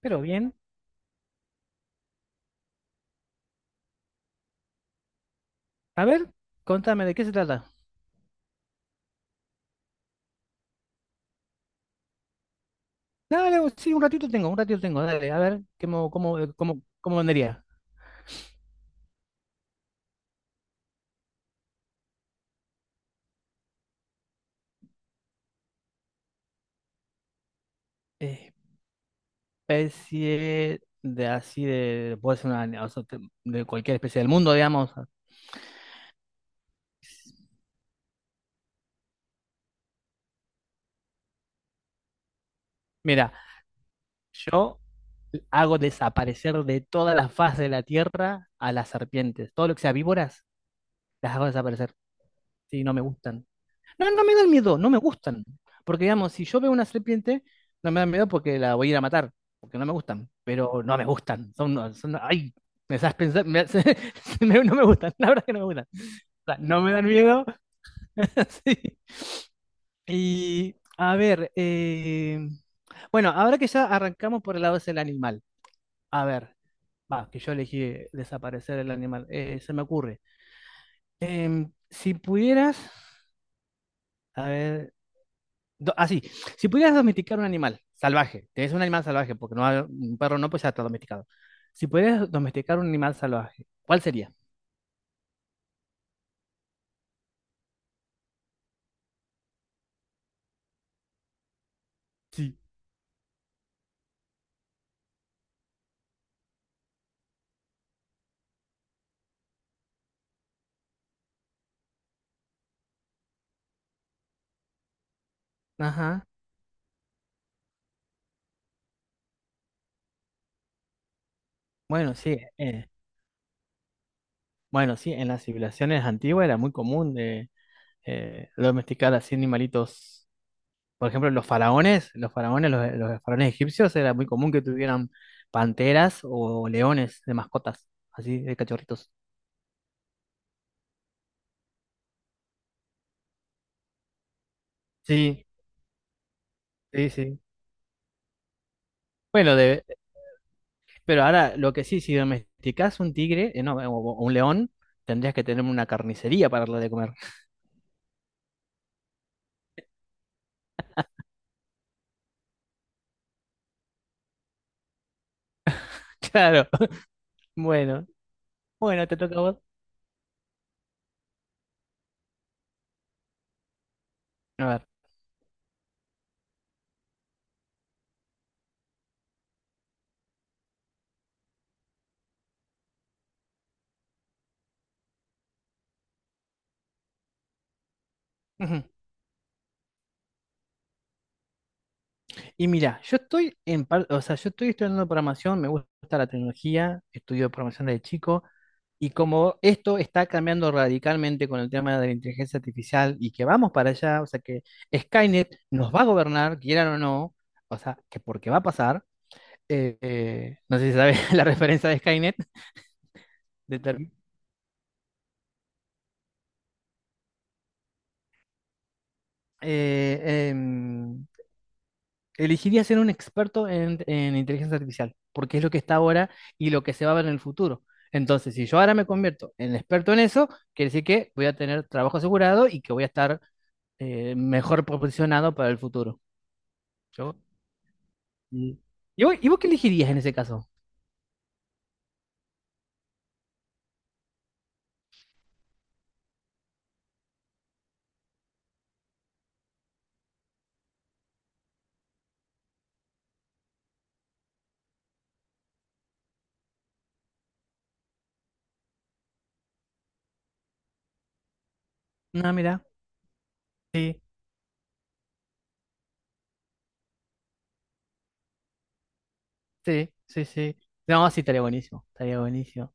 Pero bien. A ver, contame de qué se trata. Dale, sí, un ratito tengo, un ratito tengo. Dale, a ver, ¿cómo vendría? Especie de así de. Puede ser una, o sea, de cualquier especie del mundo, digamos. Mira, yo hago desaparecer de toda la faz de la tierra a las serpientes. Todo lo que sea víboras, las hago desaparecer. Sí, no me gustan. No, no me dan miedo, no me gustan. Porque, digamos, si yo veo una serpiente, no me dan miedo porque la voy a ir a matar, porque no me gustan, pero no me gustan. Son, no, son, ay, me haces pensar, no me gustan, la verdad es que no me gustan. O sea, no me dan miedo. Sí. Y, a ver, bueno, ahora que ya arrancamos por el lado del animal, a ver, va, que yo elegí desaparecer el animal, se me ocurre. Si pudieras, a ver, así, si pudieras domesticar un animal salvaje, es un animal salvaje, porque un perro no, pues ya está domesticado. Si pudieras domesticar un animal salvaje, ¿cuál sería? Sí. Ajá. Bueno, sí, bueno, sí, en las civilizaciones antiguas era muy común de domesticar así animalitos. Por ejemplo, los faraones egipcios, era muy común que tuvieran panteras o leones de mascotas, así de cachorritos. Sí, sí, sí. Bueno, de, Pero ahora, lo que sí, si domesticás un tigre, no, o un león, tendrías que tener una carnicería para darle de comer. Claro. Bueno, bueno, te toca a vos. A ver. Ujú. Y mira, yo estoy en parte, o sea, yo estoy estudiando programación, me gusta la tecnología, estudio programación desde chico, y como esto está cambiando radicalmente con el tema de la inteligencia artificial y que vamos para allá, o sea, que Skynet nos va a gobernar, quieran o no, o sea, que porque va a pasar, no sé si sabes la referencia de Skynet. Deter- eh, em, elegiría ser un experto en inteligencia artificial, porque es lo que está ahora y lo que se va a ver en el futuro. Entonces, si yo ahora me convierto en experto en eso, quiere decir que voy a tener trabajo asegurado y que voy a estar mejor posicionado para el futuro. Yo- y, y vos qué elegirías en ese caso? No, mira, sí, sí, sí. No, sí, estaría buenísimo, estaría buenísimo.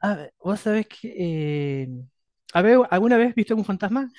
Ah, vos sabés que... alguna vez viste un fantasma?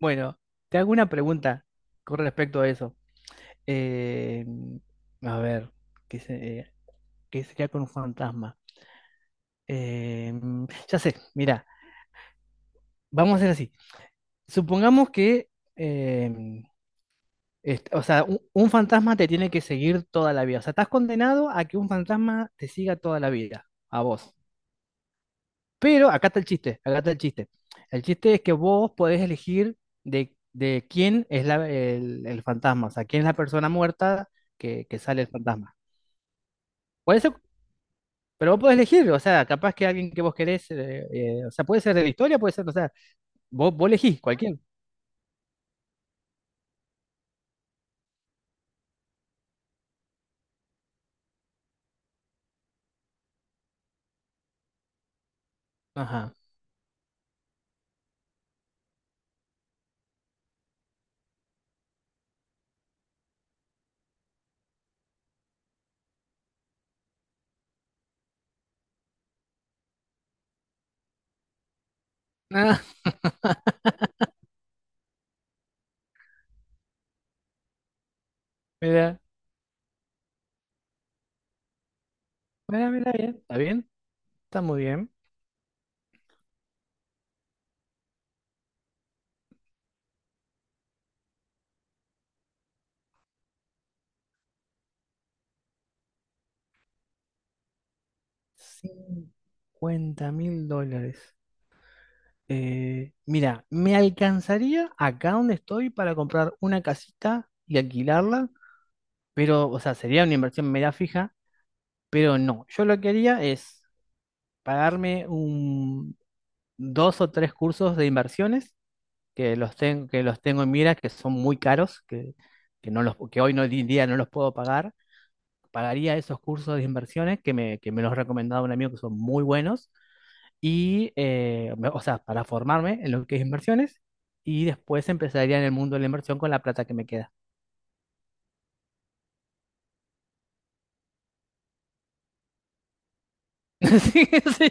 Bueno, te hago una pregunta con respecto a eso. Eh, a ver, ¿qué, se- eh, qué sería con un fantasma? Eh, ya sé, mira, vamos a hacer así. Supongamos que, eh, o sea, un fantasma te tiene que seguir toda la vida. O sea, estás condenado a que un fantasma te siga toda la vida, a vos. Pero acá está el chiste, acá está el chiste. El chiste es que vos podés elegir de quién es el fantasma, o sea, quién es la persona muerta que sale el fantasma. Puede ser, pero vos podés elegir, o sea, capaz que alguien que vos querés, o sea, puede ser de la historia, puede ser, o sea, vos elegís, cualquiera. Ajá. Ah, mira, mira, bien, está muy bien. $50,000. Mira, me alcanzaría acá donde estoy para comprar una casita y alquilarla, pero, o sea, sería una inversión media fija, pero no. Yo lo que haría es pagarme un, dos o tres cursos de inversiones que que los tengo en mira, que son muy caros, que hoy no, hoy en día no los puedo pagar. Pagaría esos cursos de inversiones que me los recomendaba un amigo que son muy buenos y, o sea, para formarme en lo que es inversiones y después empezaría en el mundo de la inversión con la plata que me queda. Sí, sí.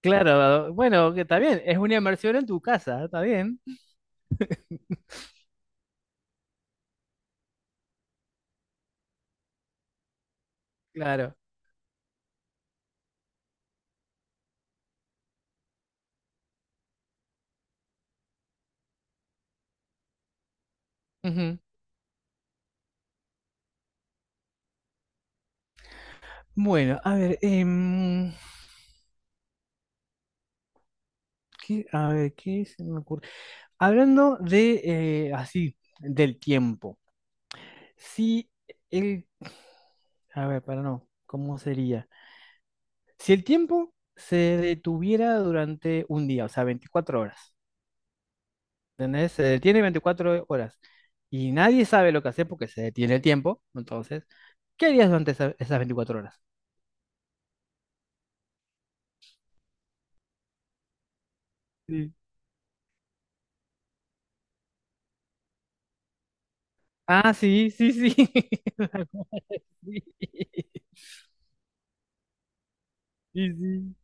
Claro, bueno, que está bien, es una inversión en tu casa, está bien, claro. Ujú. Bueno, a ver, ¿qué, a ver, ¿qué se me ocurre? Hablando de, así, del tiempo, si el, a ver, para no, ¿cómo sería? Si el tiempo se detuviera durante un día, o sea, 24 horas, ¿entendés? Se detiene 24 horas y nadie sabe lo que hacer porque se detiene el tiempo, entonces, ¿qué harías durante esas 24 horas? Sí, Ah, sí, sí, sí. Sí, sí, sí.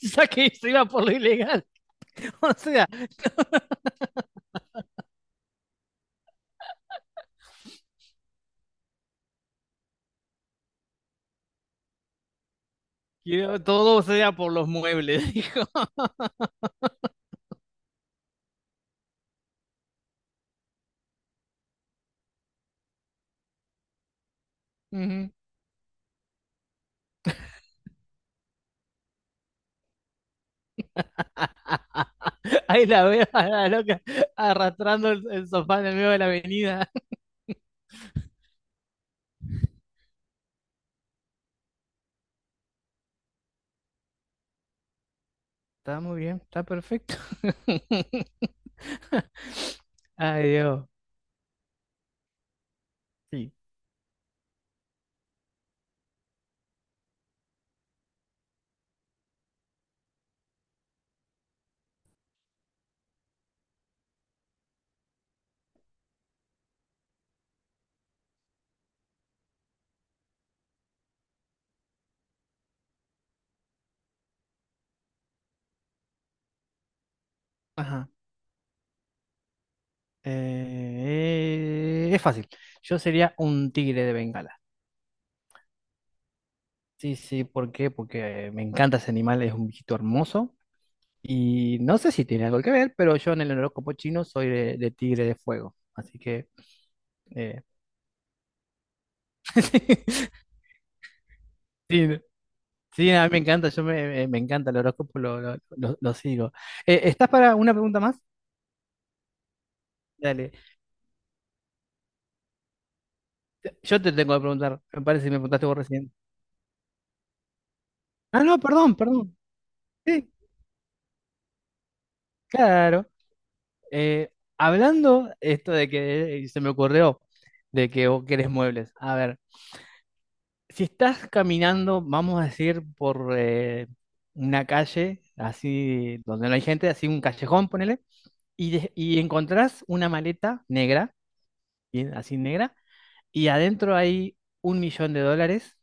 Ya que se iba por lo ilegal. O sea, quiero todo sea por los muebles, dijo. Ujú. Ahí la veo a la loca arrastrando el sofá en el medio de la avenida. Está muy bien, está perfecto. Ay, Dios. Sí. Ajá. Es fácil. Yo sería un tigre de Bengala. Sí, sí, ¿por qué? Porque me encanta ese animal, es un bichito hermoso. Y no sé si tiene algo que ver, pero yo en el horóscopo chino soy de tigre de fuego. Así que... eh, sí, no, sí, a mí me encanta, me encanta el horóscopo, lo sigo. ¿Estás para una pregunta más? Dale. Yo te tengo que preguntar, me parece que me preguntaste vos recién. Ah, no, perdón, perdón. Sí, claro. Eh, hablando esto de que se me ocurrió de que vos querés muebles. A ver, si estás caminando, vamos a decir, por una calle, así donde no hay gente, así un callejón, ponele, y, y encontrás una maleta negra, bien, así negra, y adentro hay $1,000,000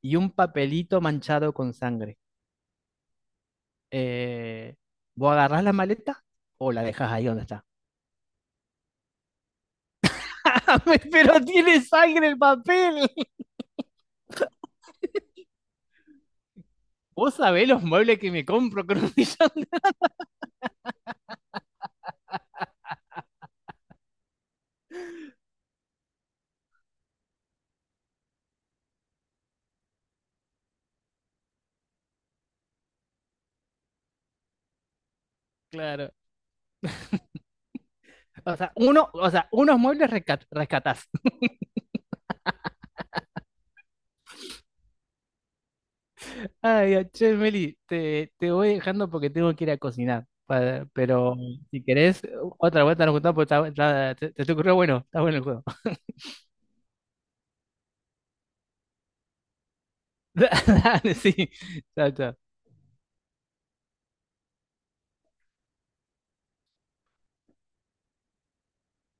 y un papelito manchado con sangre. eh, ¿Vos agarrás la maleta o la dejás ahí donde está? Pero tiene sangre el papel. Vos sabés los muebles que me compro con un millón de- Claro. O sea, uno, o sea, unos muebles rescatás. Ay, che, Meli, te voy dejando porque tengo que ir a cocinar. Pero si querés, otra vuelta nos juntamos porque te ocurrió bueno, está bueno el juego. Dale, sí. Chao, chao.